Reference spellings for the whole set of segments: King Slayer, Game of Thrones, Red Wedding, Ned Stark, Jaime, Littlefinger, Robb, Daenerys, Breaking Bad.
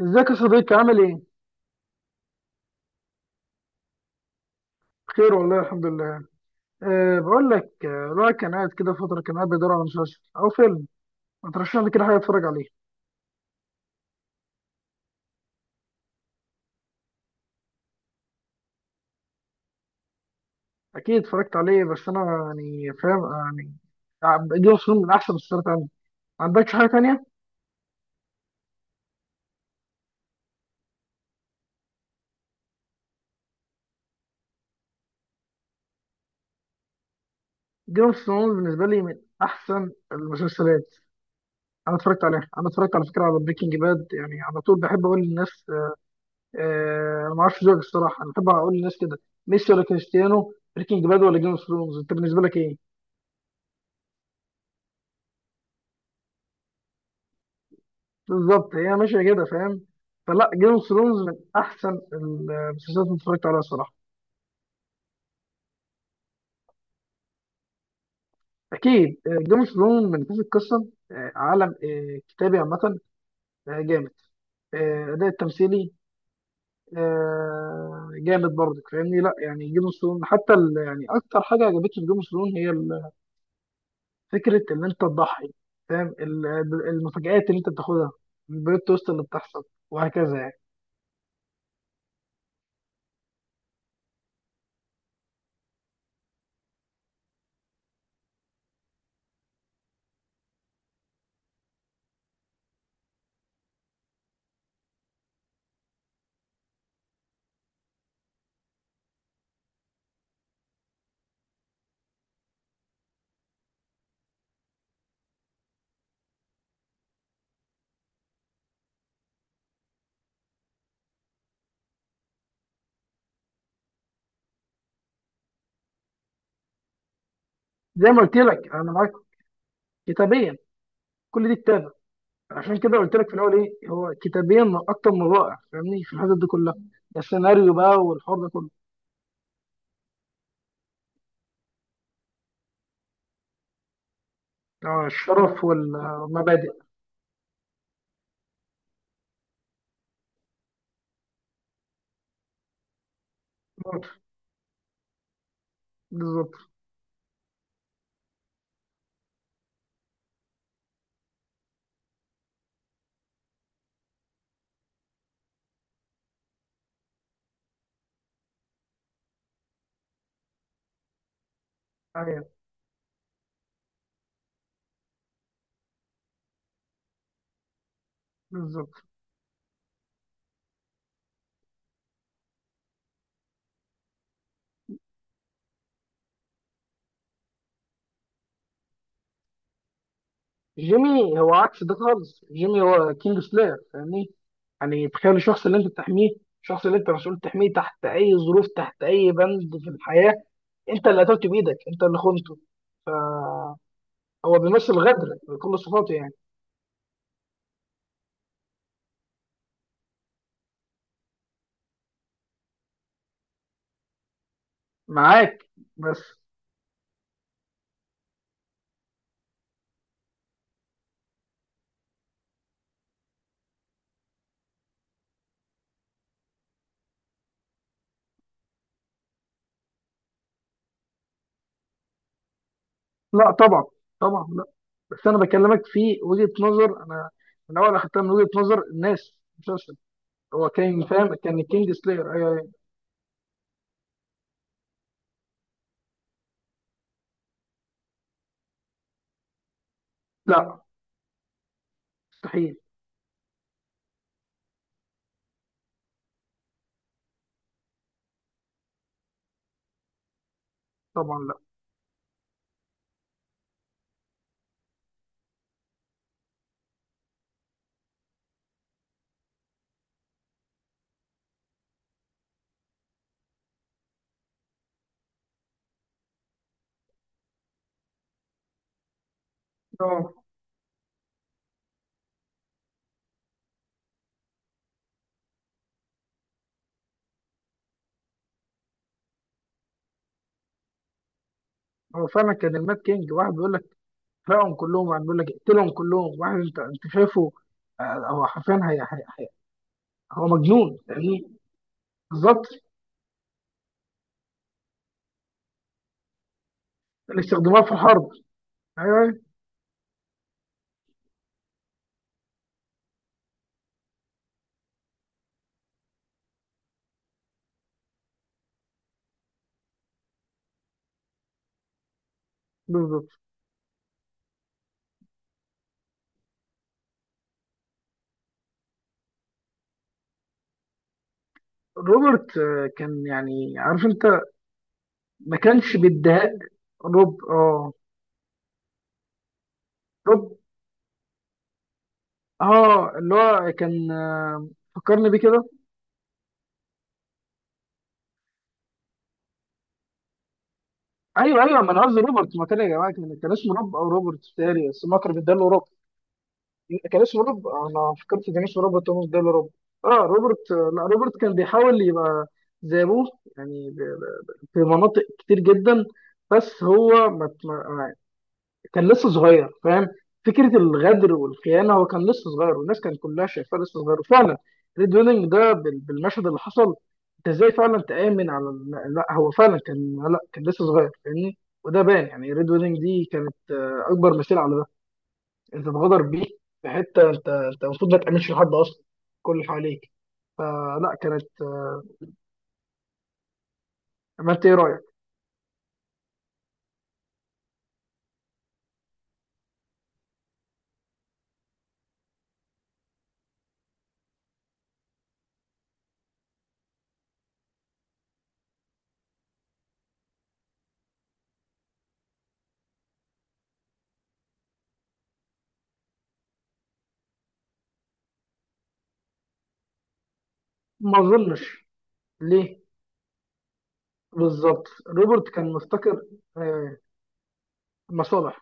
ازيك يا صديقي؟ عامل ايه؟ بخير والله. الحمد لله. أه، بقول لك، الواحد كان قاعد كده فترة، كان قاعد بيدور على مسلسل أو فيلم، ما ترشح لي كده حاجة أتفرج عليه. أكيد اتفرجت عليه، بس أنا يعني فاهم، يعني جيم اوف ثرونز من أحسن المسلسلات عندي. ما عندكش حاجة تانية؟ جيم اوف ثرونز بالنسبة لي من أحسن المسلسلات. أنا اتفرجت عليها، أنا اتفرجت على فكرة على بريكنج باد، يعني على طول بحب أقول للناس، أه، أنا ما أعرفش ذوقك الصراحة، أنا بحب أقول للناس كده، ميسي ولا كريستيانو، بريكنج باد ولا جيم اوف ثرونز، أنت بالنسبة لك إيه؟ بالظبط، هي ماشيه كده، فاهم؟ فلا، جيم اوف ثرونز من احسن المسلسلات اللي اتفرجت عليها الصراحه. اكيد جيم اوف ثرونز من حيث القصه، عالم، كتابي عامه، جامد، اداء التمثيلي، جامد برضك، فاهمني؟ لا يعني جيم اوف ثرونز حتى يعني اكتر حاجه عجبتني في جيم اوف ثرونز هي فكره ان انت تضحي، فاهم؟ المفاجآت اللي انت بتاخدها، البلوت تويست اللي بتحصل وهكذا، يعني زي ما قلت لك، انا معاك. كتابيا كل دي كتاب، عشان كده قلت لك في الاول، ايه هو كتابيا اكتر من رائع، فاهمني؟ في الحتت دي كلها السيناريو بقى والحوار ده كله، الشرف والمبادئ برضه. بالظبط. ايوه بالظبط. جيمي هو عكس ده خالص. جيمي هو كينج سلاير، فاهمني؟ يعني تخيل الشخص اللي انت بتحميه، الشخص اللي انت مسؤول تحميه تحت اي ظروف، تحت اي بند في الحياه، انت اللي قتلته بايدك، انت اللي خنته. فهو بيمثل غدر بكل صفاته، يعني. معاك، بس. لا طبعا. طبعا لا. بس انا بكلمك في وجهة نظر انا من اول اخدتها، من وجهة نظر الناس، المسلسل. هو كان فاهم، كان الكينج سلاير، ايوه ايوه. لا، مستحيل. طبعا لا. اه، هو فعلا كان المات كينج، واحد بيقول لك احرقهم كلهم، واحد بيقول لك اقتلهم كلهم، واحد انت شايفه، آه، هو حرفيا هي هو مجنون، يعني. بالظبط، اللي استخدموها في الحرب. ايوه أيوة، بالظبط. روبرت، كان يعني عارف انت ما كانش بيديها روب، اه. روب، اه، اللي هو كان، فكرني بيه كده. ايوه ايوه، ما انا قصدي روبرت، ما كان يا جماعه، كان اسمه روب او روبرت بتهيألي، بس ما كان بيداله روب. كان اسمه روب، انا فكرت كان اسمه روبرت، هو بيداله روب. اه روبرت، لا روبرت كان بيحاول يبقى زي ابوه، يعني في مناطق كتير جدا، بس هو ما كان لسه صغير، فاهم؟ فكره الغدر والخيانه، هو كان لسه صغير، والناس كانت كلها شايفاه لسه صغير، وفعلا ريد ويدنج ده بالمشهد اللي حصل، انت ازاي فعلا تامن على لا هو فعلا كان، لا كان لسه صغير، فاهمني؟ وده بان، يعني ريد ويدنج دي كانت اكبر مثال على ده، انت اتغدر بيه في حته انت المفروض ما تامنش لحد اصلا، كل اللي حواليك. فلا كانت، ما انت ايه رايك؟ ما اظنش. ليه؟ بالظبط روبرت كان مفتكر، آه، مصالح.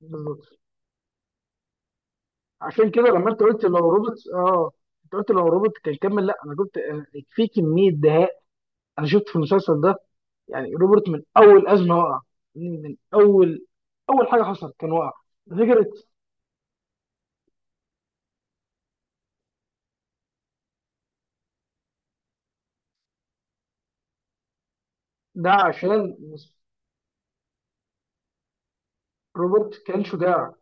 بالظبط. عشان كده لما انت قلت لو روبوت، اه، انت قلت لو روبوت كان كمل، لا انا كنت في كميه دهاء انا شفت في المسلسل ده، يعني روبوت من اول ازمه وقع. من اول، اول حاجه حصلت كان وقع. فكره، ده عشان روبوت كان شجاع.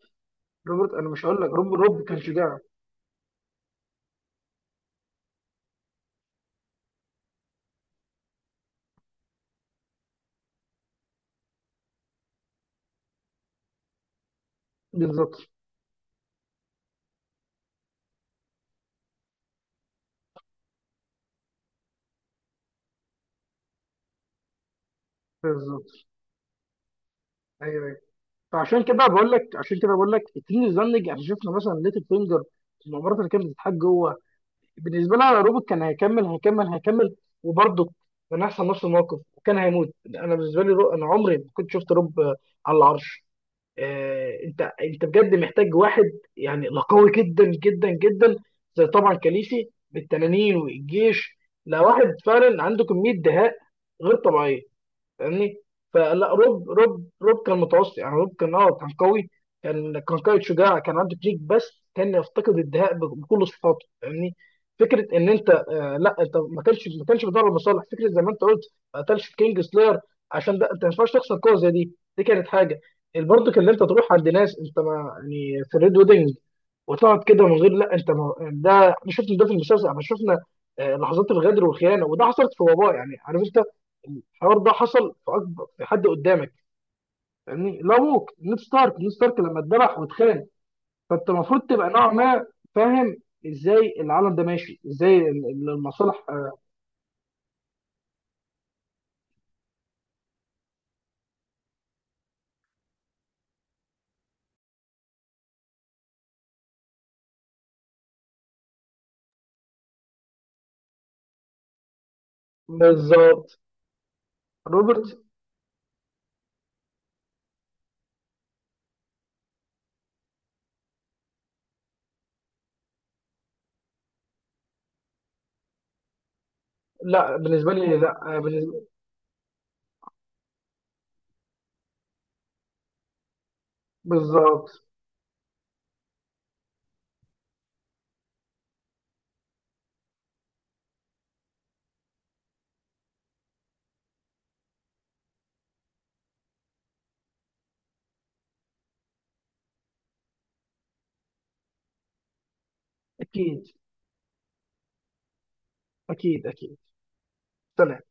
روبوت، انا مش هقول لك روب كان شجاع. بالظبط. بالظبط. ايوه ايوه. فعشان كده بقول لك، التيم الزنج احنا شفنا مثلا ليتل فينجر، المؤامرات اللي كانت بتتحاج جوه. بالنسبه لها روبوت كان هيكمل، هيكمل، وبرضه كان هيحصل نفس الموقف وكان هيموت. انا بالنسبه لي، انا عمري ما كنت شفت روب، على العرش. انت بجد محتاج واحد، يعني لا، قوي جدا جدا جدا، زي طبعا كاليسي بالتنانين والجيش. لا، واحد فعلا عنده كميه دهاء غير طبيعيه، فاهمني؟ فلا، روب كان متوسط، يعني روب كان، كان قوي. كان قائد شجاع، كان عنده تكنيك، بس كان يفتقد الدهاء بكل صفاته، فاهمني؟ فكره ان انت، آه، لا انت ما كانش بتدور مصالح، فكره زي ما انت قلت، ما قتلش كينج سلاير، عشان ده انت ما ينفعش تخسر قوه زي دي. دي كانت حاجه برضه، اللي انت تروح عند ناس انت ما يعني، في الريد ويدنج وتقعد كده من غير، لا انت ما، ده احنا شفنا ده في المسلسل احنا شفنا لحظات الغدر والخيانه، وده حصلت في وباء، يعني عرفت الحوار ده حصل في اكبر، في حد قدامك، فاهمني؟ لا ووك، نيد ستارك لما اتذبح واتخان، فانت المفروض تبقى نوعا ما فاهم ازاي العالم ده ماشي، ازاي المصالح، آه، بالظبط روبرت. لا بالنسبه لي لا، آه، بالظبط. اكيد، اكيد اكيد. سلام.